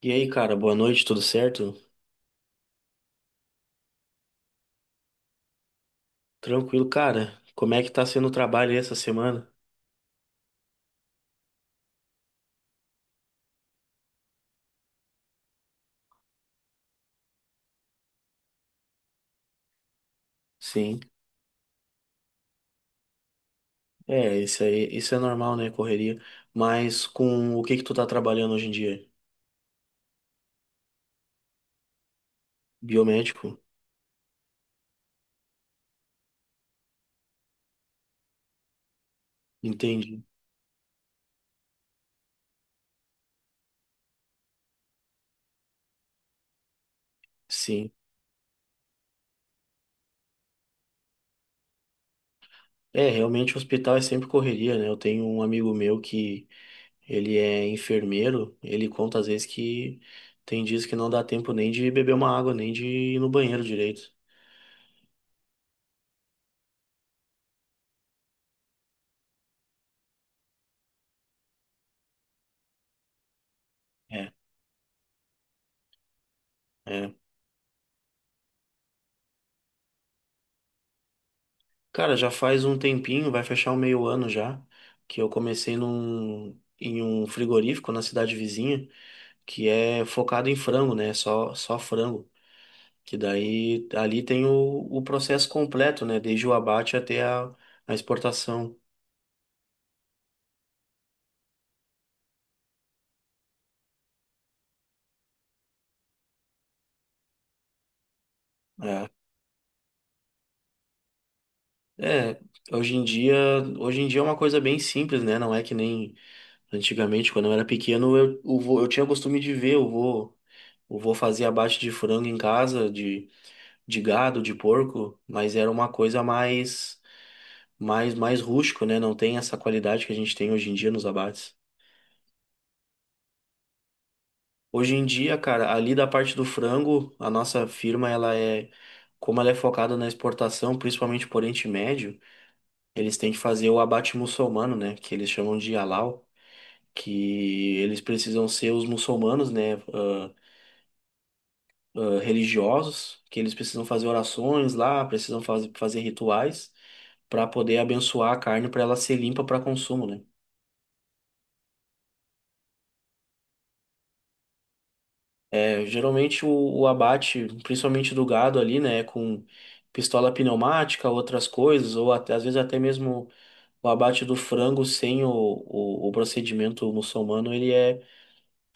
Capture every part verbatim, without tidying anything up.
E aí, cara, boa noite, tudo certo? Tranquilo, cara. Como é que tá sendo o trabalho aí essa semana? Sim. É, isso aí, isso é normal, né, correria. Mas com o que que tu tá trabalhando hoje em dia? Biomédico? Entendi. Sim. É, realmente o hospital é sempre correria, né? Eu tenho um amigo meu que ele é enfermeiro, ele conta às vezes que tem dias que não dá tempo nem de beber uma água, nem de ir no banheiro direito. É, é. Cara, já faz um tempinho, vai fechar um meio ano já, que eu comecei num, em um frigorífico na cidade vizinha, que é focado em frango, né? Só, só frango. Que daí ali tem o, o processo completo, né? Desde o abate até a, a exportação. É, é, hoje em dia, hoje em dia é uma coisa bem simples, né? Não é que nem antigamente, quando eu era pequeno, eu, eu, vô- eu tinha costume de ver, eu vou, eu vou fazer abate de frango em casa, de gado, de porco, mas era uma coisa mais, mais, mais, rústico, né? Não tem essa qualidade que a gente tem hoje em dia nos abates. Hoje em dia, cara, ali da parte do frango, a nossa firma, ela é, como ela é focada na exportação, principalmente por Oriente Médio, eles têm que fazer o abate muçulmano, né? Que eles chamam de halal, que eles precisam ser os muçulmanos, né? ah, ah, religiosos, que eles precisam fazer orações lá, precisam faz, fazer rituais para poder abençoar a carne para ela ser limpa para consumo, né? É, geralmente o, o abate, principalmente do gado ali, né, com pistola pneumática, outras coisas, ou até, às vezes até mesmo o abate do frango sem o, o, o procedimento muçulmano, ele é,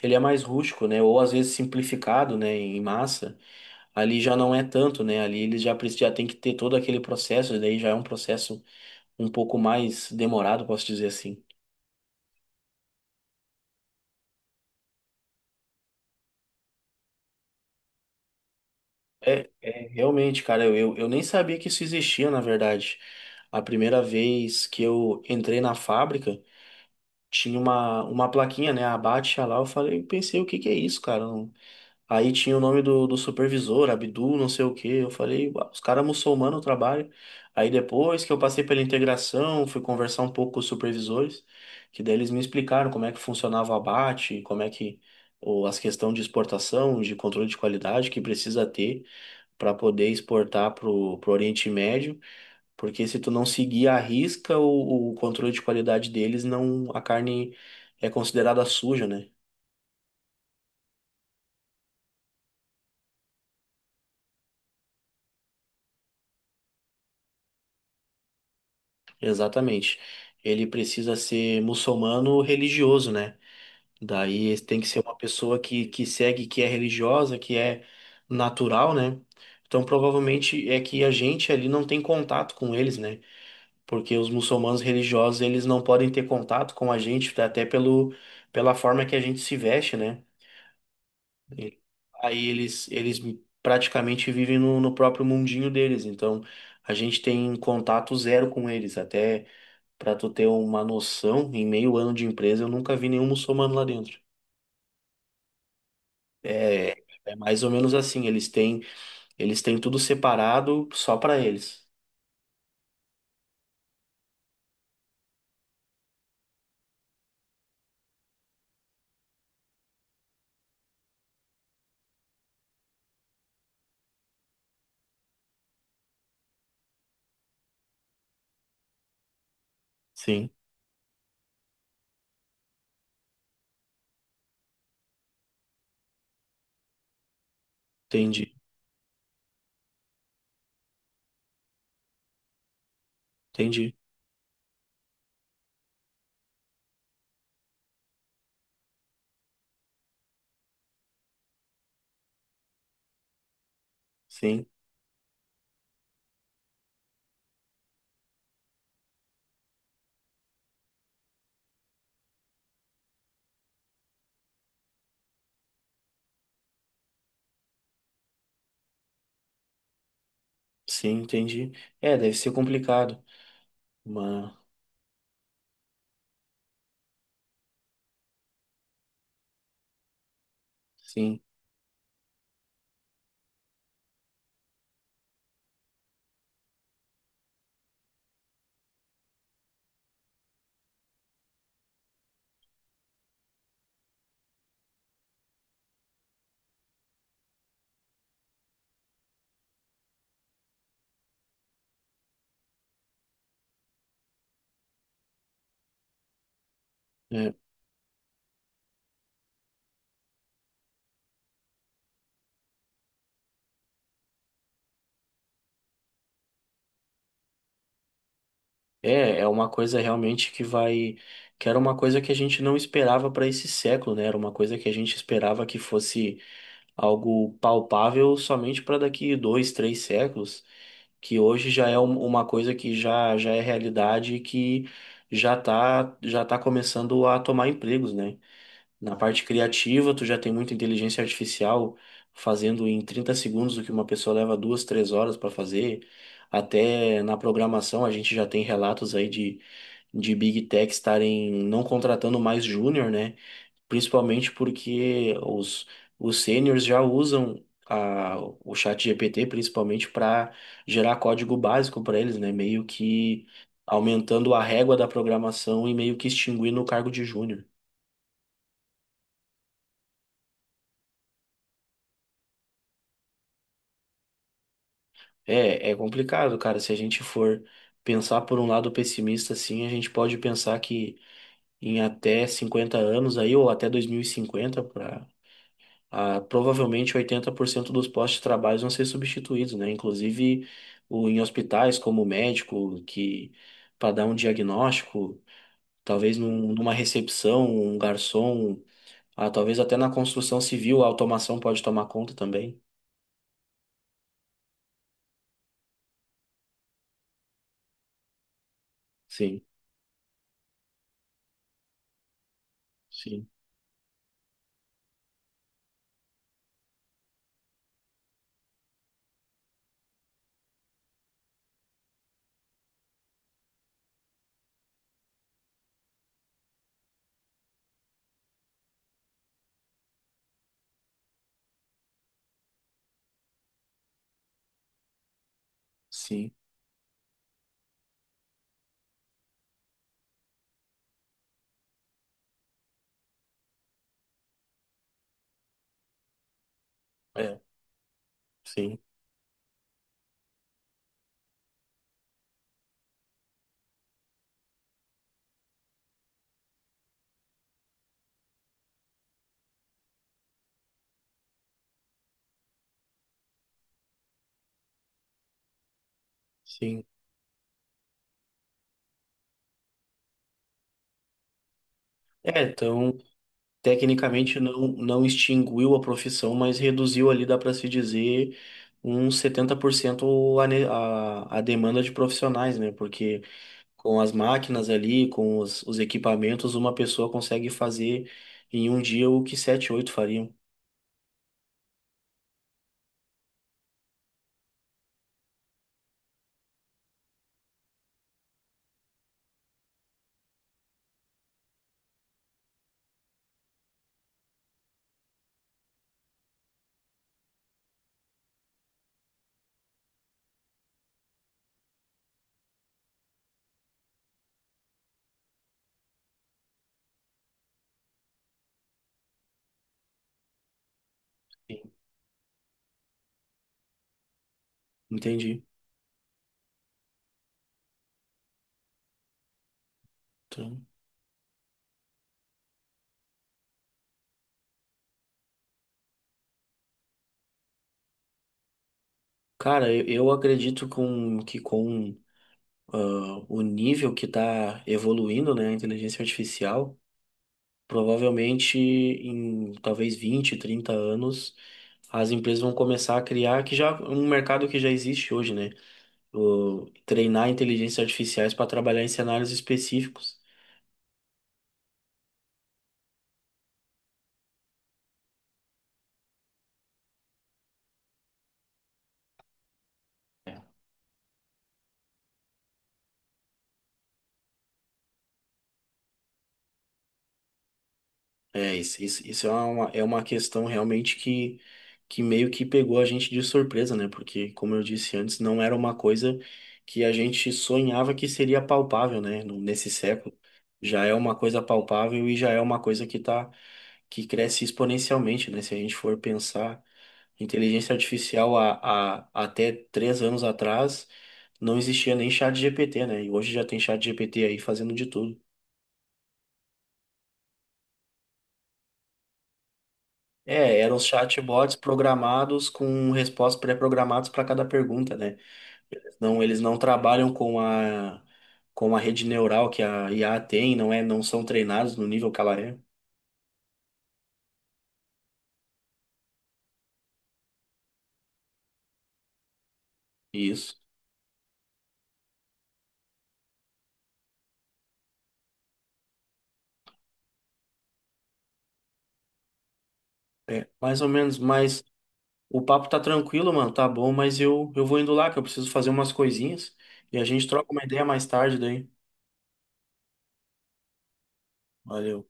ele é mais rústico, né? Ou às vezes simplificado, né, em massa. Ali já não é tanto, né? Ali eles já, precis- já tem que ter todo aquele processo, daí já é um processo um pouco mais demorado, posso dizer assim. É, é, realmente, cara, eu, eu eu nem sabia que isso existia, na verdade. A primeira vez que eu entrei na fábrica, tinha uma, uma plaquinha, né? Abate lá, eu falei, pensei, o que que é isso, cara? Não- Aí tinha o nome do, do supervisor, Abdu, não sei o quê. Eu falei, "Uau, os caras muçulmanos trabalham." Aí depois que eu passei pela integração, fui conversar um pouco com os supervisores, que daí eles me explicaram como é que funcionava o abate, como é que ou as questões de exportação, de controle de qualidade que precisa ter para poder exportar para o Oriente Médio, porque se tu não seguir à risca o, o controle de qualidade deles, não a carne é considerada suja, né? Exatamente. Ele precisa ser muçulmano religioso, né? Daí tem que ser uma pessoa que, que segue, que é religiosa, que é natural, né? Então provavelmente é que a gente ali não tem contato com eles, né? Porque os muçulmanos religiosos, eles não podem ter contato com a gente, até pelo, pela forma que a gente se veste, né? E aí eles, eles praticamente vivem no, no próprio mundinho deles, então a gente tem contato zero com eles, até para tu ter uma noção, em meio ano de empresa eu nunca vi nenhum muçulmano lá dentro. É, é mais ou menos assim, eles têm, eles têm tudo separado só para eles. Sim, entendi, entendi. Sim, sim, entendi. É, deve ser complicado, mas sim. É. É, é uma coisa realmente que vai, que era uma coisa que a gente não esperava para esse século, né? Era uma coisa que a gente esperava que fosse algo palpável somente para daqui dois, três séculos, que hoje já é um- uma coisa que já, já é realidade e que já tá, já tá começando a tomar empregos, né? Na parte criativa, tu já tem muita inteligência artificial fazendo em trinta segundos o que uma pessoa leva duas, três horas para fazer. Até na programação a gente já tem relatos aí de de Big Tech estarem não contratando mais júnior, né? Principalmente porque os, os sêniors já usam a, o chat G P T principalmente para gerar código básico para eles, né? Meio que aumentando a régua da programação e meio que extinguindo o cargo de júnior. É, é complicado, cara. Se a gente for pensar por um lado pessimista, assim, a gente pode pensar que em até cinquenta anos aí, ou até dois mil e cinquenta para ah, provavelmente oitenta por cento dos postos de trabalho vão ser substituídos, né? Inclusive o, em hospitais, como médico, que para dar um diagnóstico, talvez num- numa recepção, um garçom, ah, talvez até na construção civil a automação pode tomar conta também. Sim, sim, sim, é, sim, sim. É, então. Tecnicamente não, não extinguiu a profissão, mas reduziu ali, dá para se dizer, uns setenta por cento a, ne- a, a demanda de profissionais, né? Porque com as máquinas ali, com os, os equipamentos, uma pessoa consegue fazer em um dia o que sete, oito fariam. Entendi. Então, cara, eu, eu acredito com, que com ah, o nível que está evoluindo, né, a inteligência artificial, provavelmente em talvez vinte, trinta anos as empresas vão começar a criar que já é um mercado que já existe hoje, né? O, treinar inteligências artificiais para trabalhar em cenários específicos. É. É, isso, isso, isso é uma, é uma, questão realmente que, que meio que pegou a gente de surpresa, né? Porque, como eu disse antes, não era uma coisa que a gente sonhava que seria palpável, né? No- Nesse século. Já é uma coisa palpável e já é uma coisa que tá, que cresce exponencialmente, né? Se a gente for pensar. Inteligência artificial há, há até três anos atrás não existia nem chat G P T, né? E hoje já tem chat G P T aí fazendo de tudo. É, eram os chatbots programados com respostas pré-programadas para cada pergunta, né? Não, eles não trabalham com a com a rede neural que a I A tem, não é, não são treinados no nível que ela é. Isso. É, mais ou menos, mas o papo tá tranquilo, mano, tá bom, mas eu eu vou indo lá que eu preciso fazer umas coisinhas e a gente troca uma ideia mais tarde daí. Valeu.